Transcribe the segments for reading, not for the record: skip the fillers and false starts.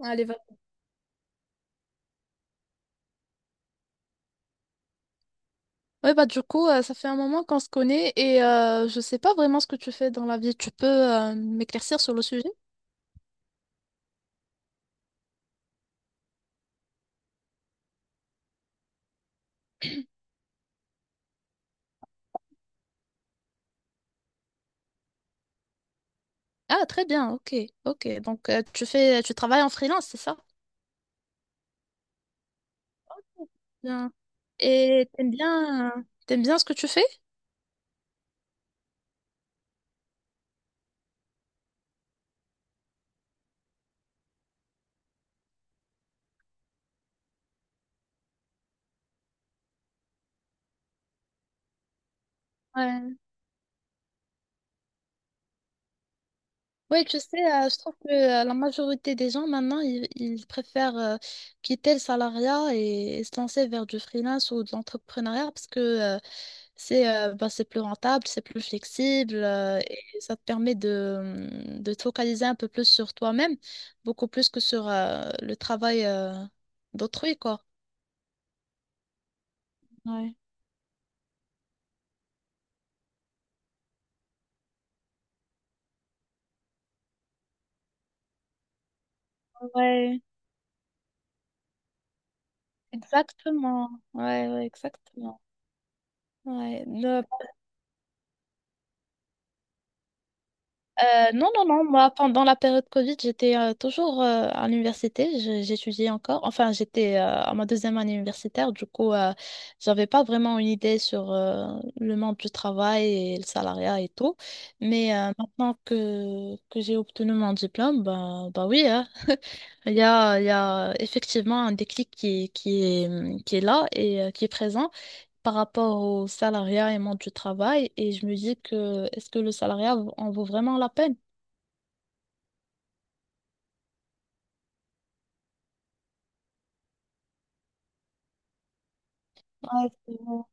Allez, va. Ouais, bah du coup, ça fait un moment qu'on se connaît et je sais pas vraiment ce que tu fais dans la vie. Tu peux m'éclaircir sur le sujet? Ah, très bien, ok, ok. Donc tu travailles en freelance, c'est ça? Bien. Et t'aimes bien, ce que tu fais? Ouais. Oui, tu sais, je trouve que la majorité des gens maintenant, ils préfèrent quitter le salariat et se lancer vers du freelance ou de l'entrepreneuriat parce que c'est bah, c'est plus rentable, c'est plus flexible, et ça te permet de te focaliser un peu plus sur toi-même, beaucoup plus que sur le travail d'autrui, quoi. Ouais. Ouais, exactement. Ouais, ouais, exactement. Ouais. Non, non, non, moi, pendant la période Covid, j'étais toujours à l'université, j'étudiais encore. Enfin, j'étais à ma deuxième année universitaire, du coup. J'avais pas vraiment une idée sur le monde du travail et le salariat et tout. Mais maintenant que j'ai obtenu mon diplôme, bah oui, hein, il y a effectivement un déclic qui est là et qui est présent par rapport au salariat et monde du travail. Et je me dis que est-ce que le salariat en vaut vraiment la peine? Ouais, c'est vrai.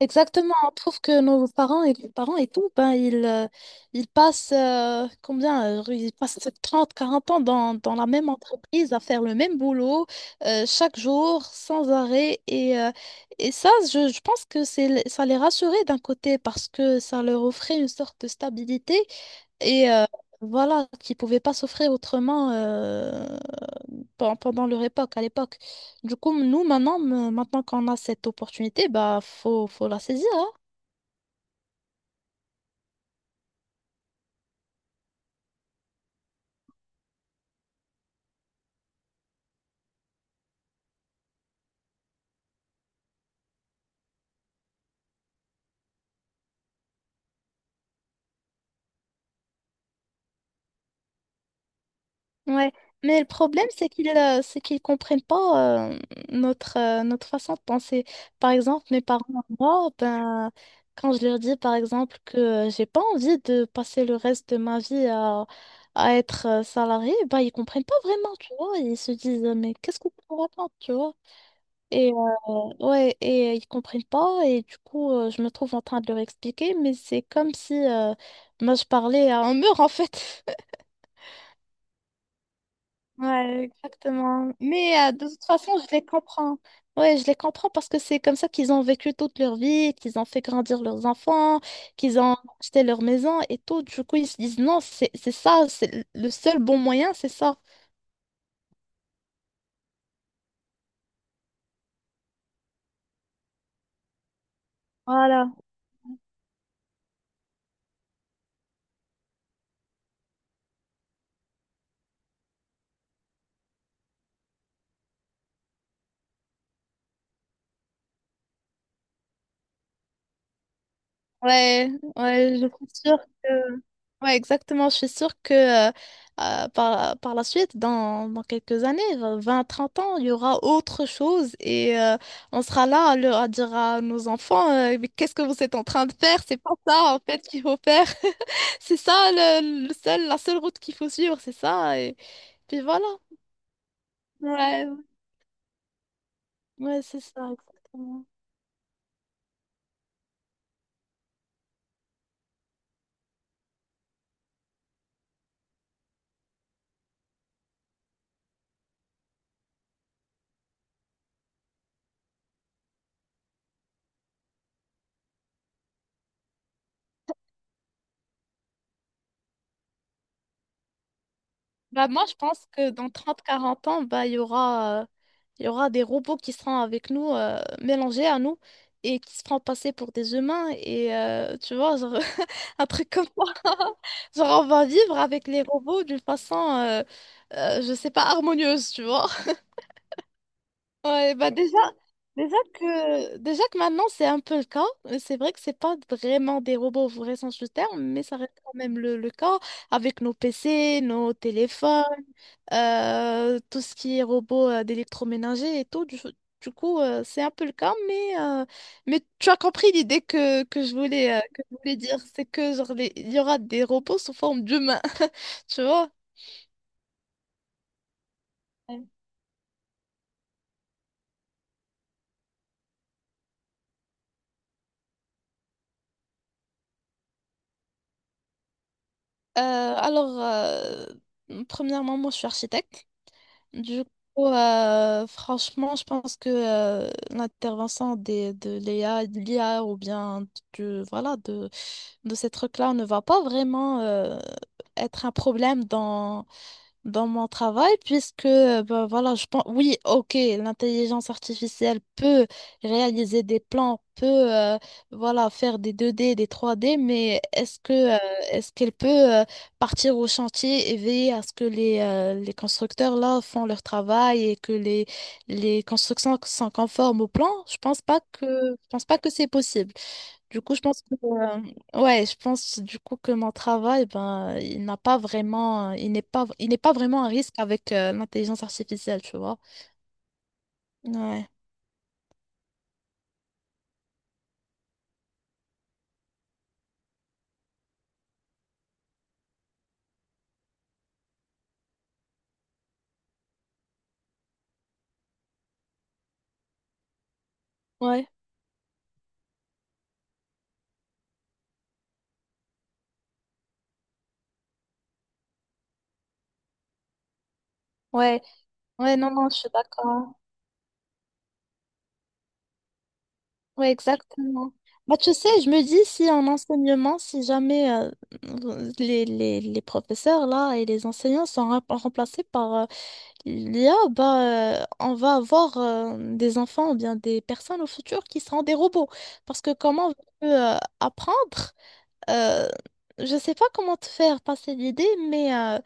Exactement, on trouve que nos parents et les parents et tout, ben, ils passent combien? Ils passent 30 40 ans dans la même entreprise à faire le même boulot, chaque jour, sans arrêt. Et ça, je pense que c'est, ça les rassurait d'un côté parce que ça leur offrait une sorte de stabilité et voilà, qu'ils ne pouvaient pas s'offrir autrement, pendant leur époque, à l'époque. Du coup, nous, maintenant qu'on a cette opportunité, bah, faut la saisir, hein. Ouais. Mais le problème, c'est qu'ils comprennent pas, notre, notre façon de penser. Par exemple, mes parents, moi, ben, quand je leur dis, par exemple, que j'ai pas envie de passer le reste de ma vie à être salarié, bah, ils comprennent pas vraiment, tu vois. Ils se disent, mais qu'est-ce que tu racontes, tu vois? Et ouais, et ils comprennent pas, et du coup, je me trouve en train de leur expliquer, mais c'est comme si moi je parlais à un mur en fait. Ouais, exactement. Mais de toute façon, je les comprends. Ouais, je les comprends parce que c'est comme ça qu'ils ont vécu toute leur vie, qu'ils ont fait grandir leurs enfants, qu'ils ont acheté leur maison et tout. Du coup, ils se disent non, c'est ça, c'est le seul bon moyen, c'est ça. Voilà. Ouais, ouais, je suis sûre que... Ouais, exactement, je suis sûre que euh, par la suite, dans quelques années, 20, 30 ans, il y aura autre chose et on sera là à, à dire à nos enfants, mais qu'est-ce que vous êtes en train de faire? C'est pas ça, en fait, qu'il faut faire. C'est ça, le seul, la seule route qu'il faut suivre, c'est ça. Et puis voilà. Ouais, ouais, c'est ça, exactement. Bah, moi, je pense que dans 30 40 ans, bah, il y aura des robots qui seront avec nous, mélangés à nous, et qui se feront passer pour des humains. Et tu vois, genre, un truc comme ça. Genre, on va vivre avec les robots d'une façon, je sais pas, harmonieuse, tu vois. Ouais, bah déjà, déjà que maintenant c'est un peu le cas. C'est vrai que c'est pas vraiment des robots au vrai sens du terme, mais ça reste quand même le cas avec nos PC, nos téléphones, tout ce qui est robot d'électroménager et tout. Du coup, c'est un peu le cas, mais tu as compris l'idée que je voulais, dire. C'est que genre, il y aura des robots sous forme d'humains, tu vois? Ouais. Alors, premièrement, moi, je suis architecte. Du coup, franchement, je pense que l'intervention de l'IA, ou bien de voilà, de ces trucs-là ne va pas vraiment être un problème dans mon travail, puisque, ben voilà, je pense, oui, ok, l'intelligence artificielle peut réaliser des plans, euh, voilà, faire des 2D, des 3D, mais est-ce qu'elle peut euh, partir au chantier et veiller à ce que les constructeurs, là, font leur travail et que les constructions sont conformes au plan? Je pense pas que c'est possible. Du coup, je pense que, ouais, je pense du coup que mon travail, ben, il n'est pas vraiment un risque avec l'intelligence artificielle, tu vois. Ouais, ouais, ouais, ouais, non, non, je suis d'accord. Ouais, exactement. Bah, tu sais, je me dis si en enseignement, si jamais les professeurs là et les enseignants sont remplacés par il y a, on va avoir des enfants ou bien des personnes au futur qui seront des robots. Parce que comment veux-tu apprendre? Euh, je sais pas comment te faire passer l'idée, mais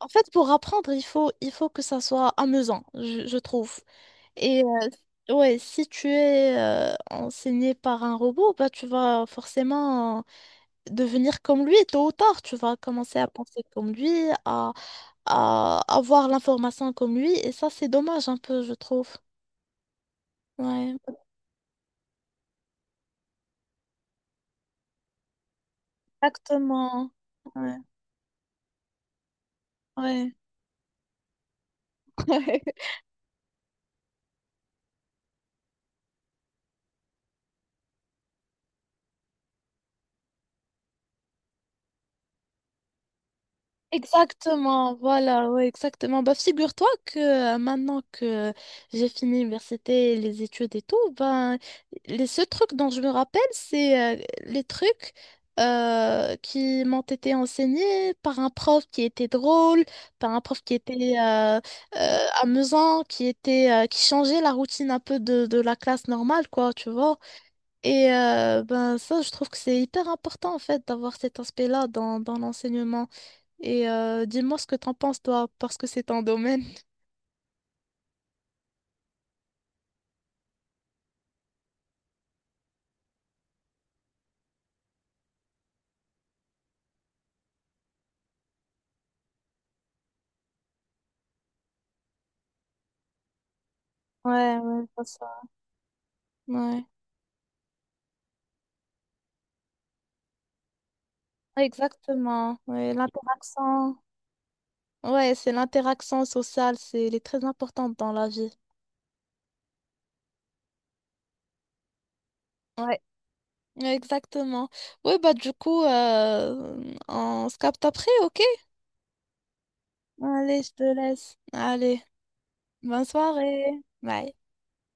en fait, pour apprendre, il faut que ça soit amusant, je trouve. Et ouais, si tu es enseigné par un robot, bah, tu vas forcément devenir comme lui tôt ou tard. Tu vas commencer à penser comme lui, à avoir l'information comme lui. Et ça, c'est dommage un peu, je trouve. Ouais, exactement. Ouais, ouais. Exactement, voilà, ouais, exactement. Bah, figure-toi que maintenant que j'ai fini l'université, les études et tout, ben, les seuls trucs dont je me rappelle, c'est les trucs qui m'ont été enseignés par un prof qui était drôle, par un prof qui était euh, amusant, qui était qui changeait la routine un peu de la classe normale, quoi, tu vois. Et ben, ça, je trouve que c'est hyper important, en fait, d'avoir cet aspect-là dans l'enseignement. Et dis-moi ce que t'en penses, toi, parce que c'est ton domaine. Ouais, ouais, c'est ça. Ouais. Ouais, exactement. Ouais, l'interaction. Ouais, c'est l'interaction sociale, c'est, elle est très importante dans la vie. Ouais. Ouais, exactement. Oui, bah du coup, on se capte après, ok? Allez, je te laisse. Allez, bonne soirée. Bye.